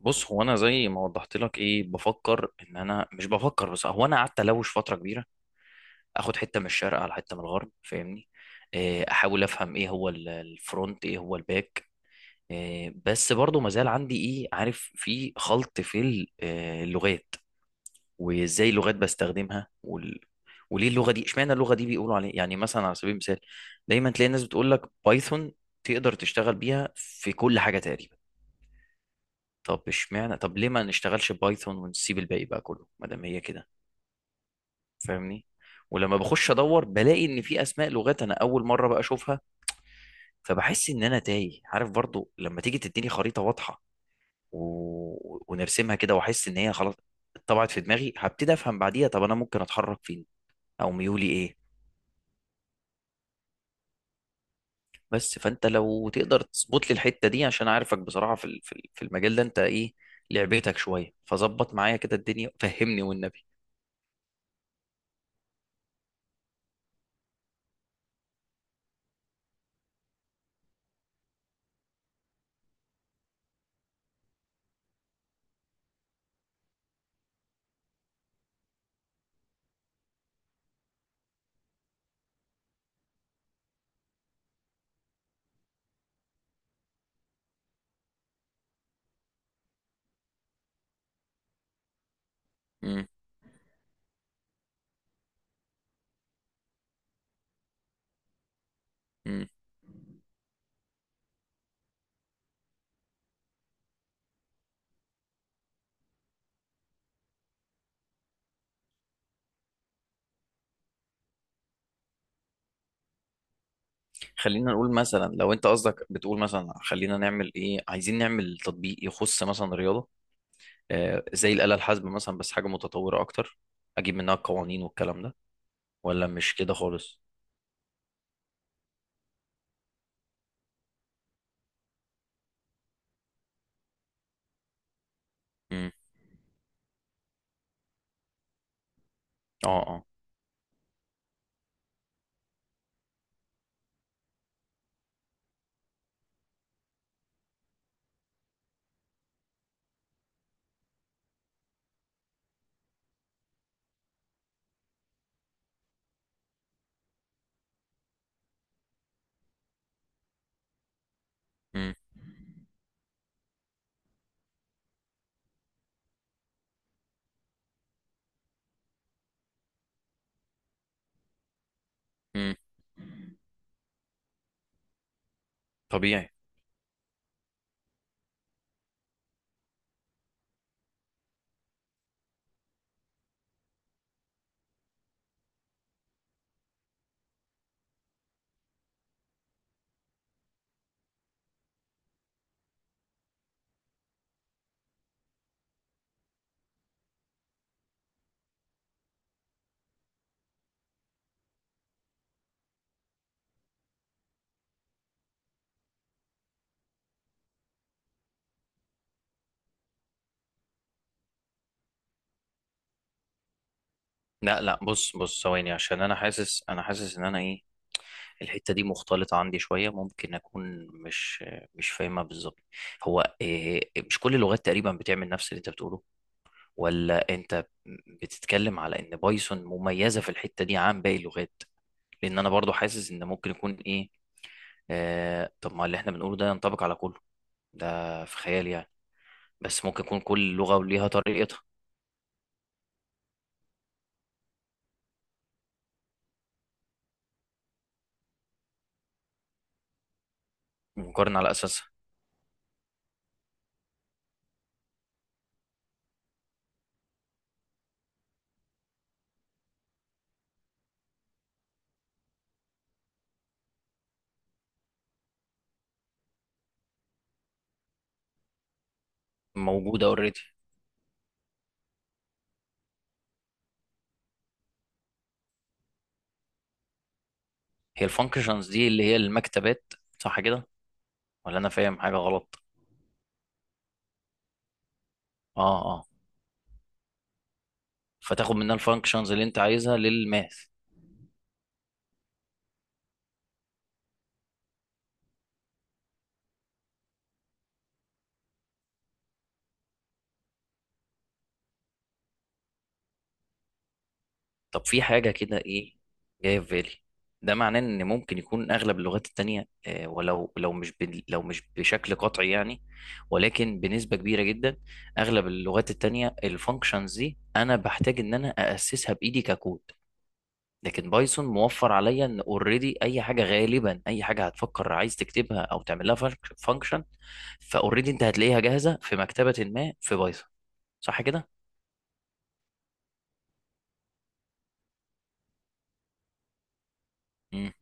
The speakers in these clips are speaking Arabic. بص، هو انا زي ما وضحت لك ايه بفكر ان انا مش بفكر، بس هو انا قعدت الوش فتره كبيره. اخد حته من الشرق على حته من الغرب، فاهمني؟ إيه، احاول افهم ايه هو الفرونت ايه هو الباك. إيه، بس برضو مازال عندي ايه، عارف، في خلط في اللغات وازاي اللغات بستخدمها وليه اللغه دي، اشمعنى اللغه دي بيقولوا عليها؟ يعني مثلا، على سبيل المثال دايما تلاقي الناس بتقول لك بايثون تقدر تشتغل بيها في كل حاجه تقريبا. طب اشمعنى، طب ليه ما نشتغلش بايثون ونسيب الباقي بقى كله ما دام هي كده؟ فاهمني؟ ولما بخش ادور بلاقي ان في اسماء لغات انا اول مره بقى اشوفها. فبحس ان انا تايه، عارف؟ برضو لما تيجي تديني خريطه واضحه و... ونرسمها كده واحس ان هي خلاص اتطبعت في دماغي، هبتدي افهم بعديها طب انا ممكن اتحرك فين، او ميولي ايه. بس فانت لو تقدر تظبط لي الحته دي، عشان عارفك بصراحه في المجال ده انت ايه، لعبتك شويه، فظبط معايا كده الدنيا، فهمني والنبي. امم. امم. خلينا نقول مثلا، لو انت قصدك بتقول مثلا خلينا نعمل ايه، عايزين نعمل تطبيق يخص مثلا رياضة، آه زي الآلة الحاسبة مثلا بس حاجة متطورة اكتر، اجيب منها القوانين والكلام ده؟ ولا مش كده خالص؟ امم. اه، اه. امم. امم. طبيعي. لا، لا، بص، بص، ثواني، عشان انا حاسس ان انا ايه، الحتة دي مختلطة عندي شوية، ممكن اكون مش فاهمها بالظبط. هو إيه، مش كل اللغات تقريبا بتعمل نفس اللي انت بتقوله، ولا انت بتتكلم على ان بايثون مميزة في الحتة دي عن باقي اللغات؟ لان انا برضو حاسس ان ممكن يكون ايه، آه طب ما اللي احنا بنقوله ده ينطبق على كله، ده في خيال يعني. بس ممكن يكون كل لغة وليها طريقتها، مقارنة على اساسها. موجودة اوريدي. هي الفانكشنز دي اللي هي المكتبات، صح كده؟ ولا انا فاهم حاجة غلط؟ اه، اه. فتاخد منها الفانكشنز اللي انت عايزها للماث. طب في حاجة كده ايه جاية في بالي. ده معناه ان ممكن يكون اغلب اللغات التانية، آه، ولو لو مش بن- لو مش بشكل قطعي يعني، ولكن بنسبة كبيرة جدا، اغلب اللغات التانية الفانكشنز دي انا بحتاج ان انا اسسها بايدي ككود. لكن بايثون موفر عليا ان اوريدي اي حاجة، غالبا اي حاجة هتفكر عايز تكتبها او تعمل لها فانكشن فاوريدي انت هتلاقيها جاهزة في مكتبة ما في بايثون، صح كده؟ امم.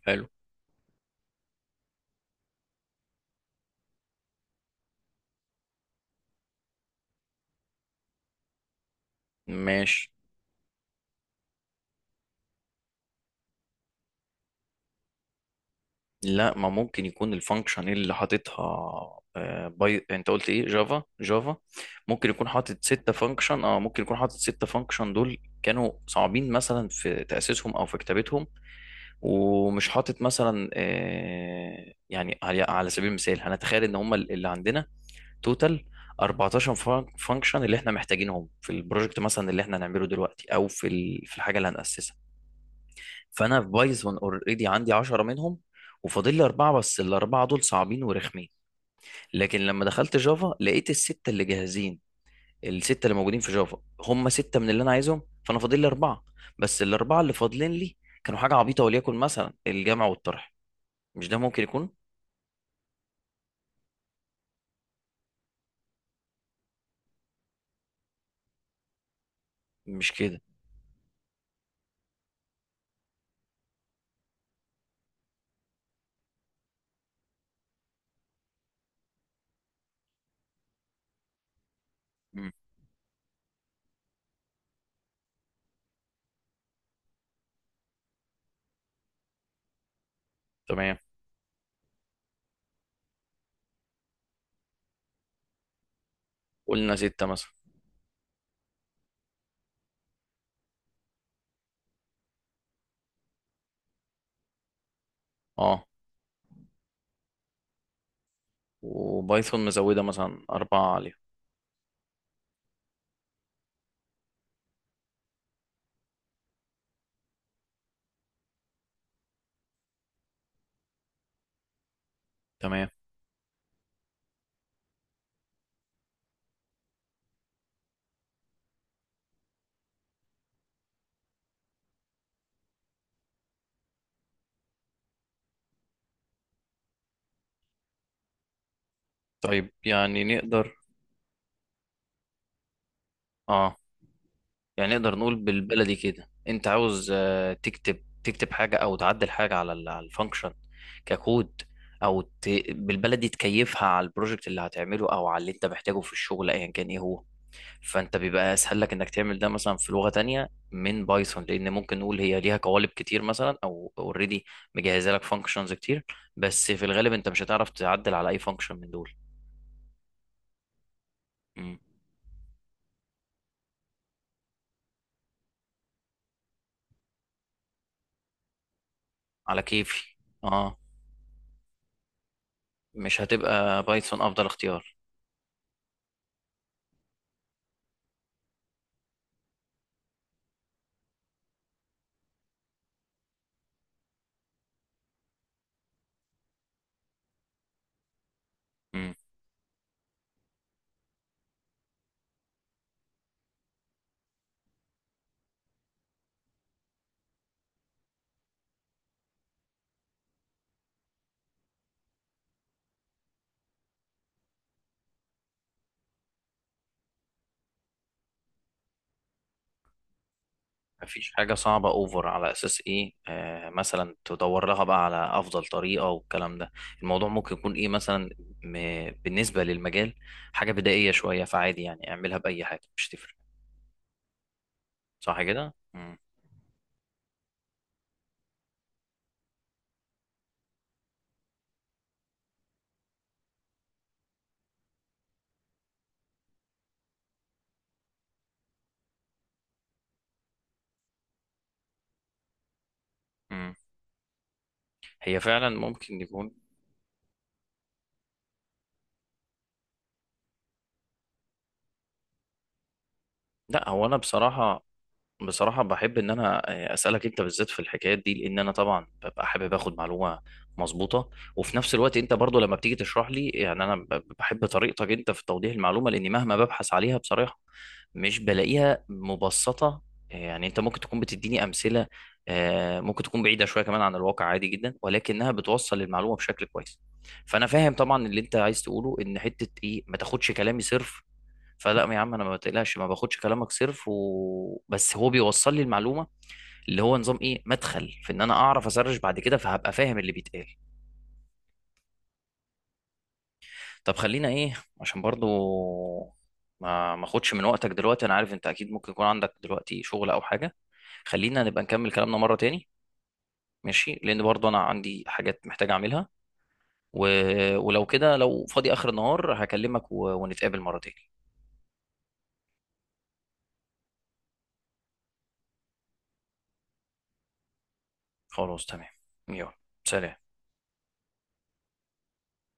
حلو. ماشي. لا، ما ممكن يكون الفانكشن اللي حاططها آه، باي، انت قلت ايه، جافا. جافا ممكن يكون حاطط ستة فانكشن، اه ممكن يكون حاطط ستة فانكشن دول كانوا صعبين مثلا في تأسيسهم او في كتابتهم. ومش حاطط مثلا آه، يعني على سبيل المثال هنتخيل ان هم اللي عندنا توتال 14 فانكشن اللي احنا محتاجينهم في البروجكت مثلا، اللي احنا هنعمله دلوقتي او في في الحاجة اللي هنأسسها. فانا في بايثون اوريدي عندي 10 منهم وفاضل لي اربعه، بس الاربعه دول صعبين ورخمين. لكن لما دخلت جافا لقيت السته اللي جاهزين. السته اللي موجودين في جافا هم سته من اللي انا عايزهم، فانا فاضل لي اربعه. بس الاربعه اللي فاضلين لي كانوا حاجه عبيطه، وليكن مثلا الجمع والطرح. مش ده ممكن يكون. مش كده. مم. تمام. قلنا سته مثلا. اه. وبايثون مزوده مثلا اربعه عليهم. تمام. طيب يعني نقدر. اه، يعني نقدر نقول بالبلدي كده انت عاوز آه، تكتب حاجه او تعدل حاجه على على الفانكشن ككود، او بالبلدي تكيفها على البروجكت اللي هتعمله او على اللي انت محتاجه في الشغل ايا كان ايه هو. فانت بيبقى اسهل لك انك تعمل ده مثلا في لغه تانية من بايثون، لان ممكن نقول هي ليها قوالب كتير مثلا، او اوريدي مجهزه لك فانكشنز كتير، بس في الغالب انت مش هتعرف تعدل على اي فانكشن من دول. مم. على كيفي. اه. مش هتبقى بايثون افضل اختيار. مفيش حاجة صعبة أوفر على أساس إيه آه مثلا تدور لها بقى على أفضل طريقة والكلام ده، الموضوع ممكن يكون إيه مثلا م... بالنسبة للمجال حاجة بدائية شوية فعادي يعني اعملها بأي حاجة، مش تفرق. صح كده؟ مم. مم. هي فعلا ممكن يكون. لا، هو أنا بصراحة، بصراحة بحب إن أنا آه، أسألك أنت بالذات في الحكايات دي، لأن أنا طبعا ببقى حابب آخد معلومة مظبوطة. وفي نفس الوقت أنت برضو لما بتيجي تشرح لي، يعني أنا بحب طريقتك أنت في توضيح المعلومة، لأني مهما ببحث عليها بصراحة مش بلاقيها مبسطة. يعني انت ممكن تكون بتديني امثلة آه، ممكن تكون بعيدة شوية كمان عن الواقع عادي جدا، ولكنها بتوصل المعلومة بشكل كويس. فانا فاهم طبعا اللي انت عايز تقوله ان حتة ايه، ما تاخدش كلامي صرف. فلا يا عم انا ما بتقلقش، ما باخدش كلامك صرف، بس هو بيوصل لي المعلومة، اللي هو نظام ايه مدخل في ان انا اعرف اسرش بعد كده فهبقى فاهم اللي بيتقال. طب خلينا ايه، عشان برضو ما اخدش من وقتك دلوقتي، انا عارف انت اكيد ممكن يكون عندك دلوقتي شغل او حاجه، خلينا نبقى نكمل كلامنا مره تاني. ماشي لان برضو انا عندي حاجات محتاج اعملها، و... ولو كده لو فاضي اخر النهار هكلمك ونتقابل مره تاني. خلاص تمام. يلا. سلام.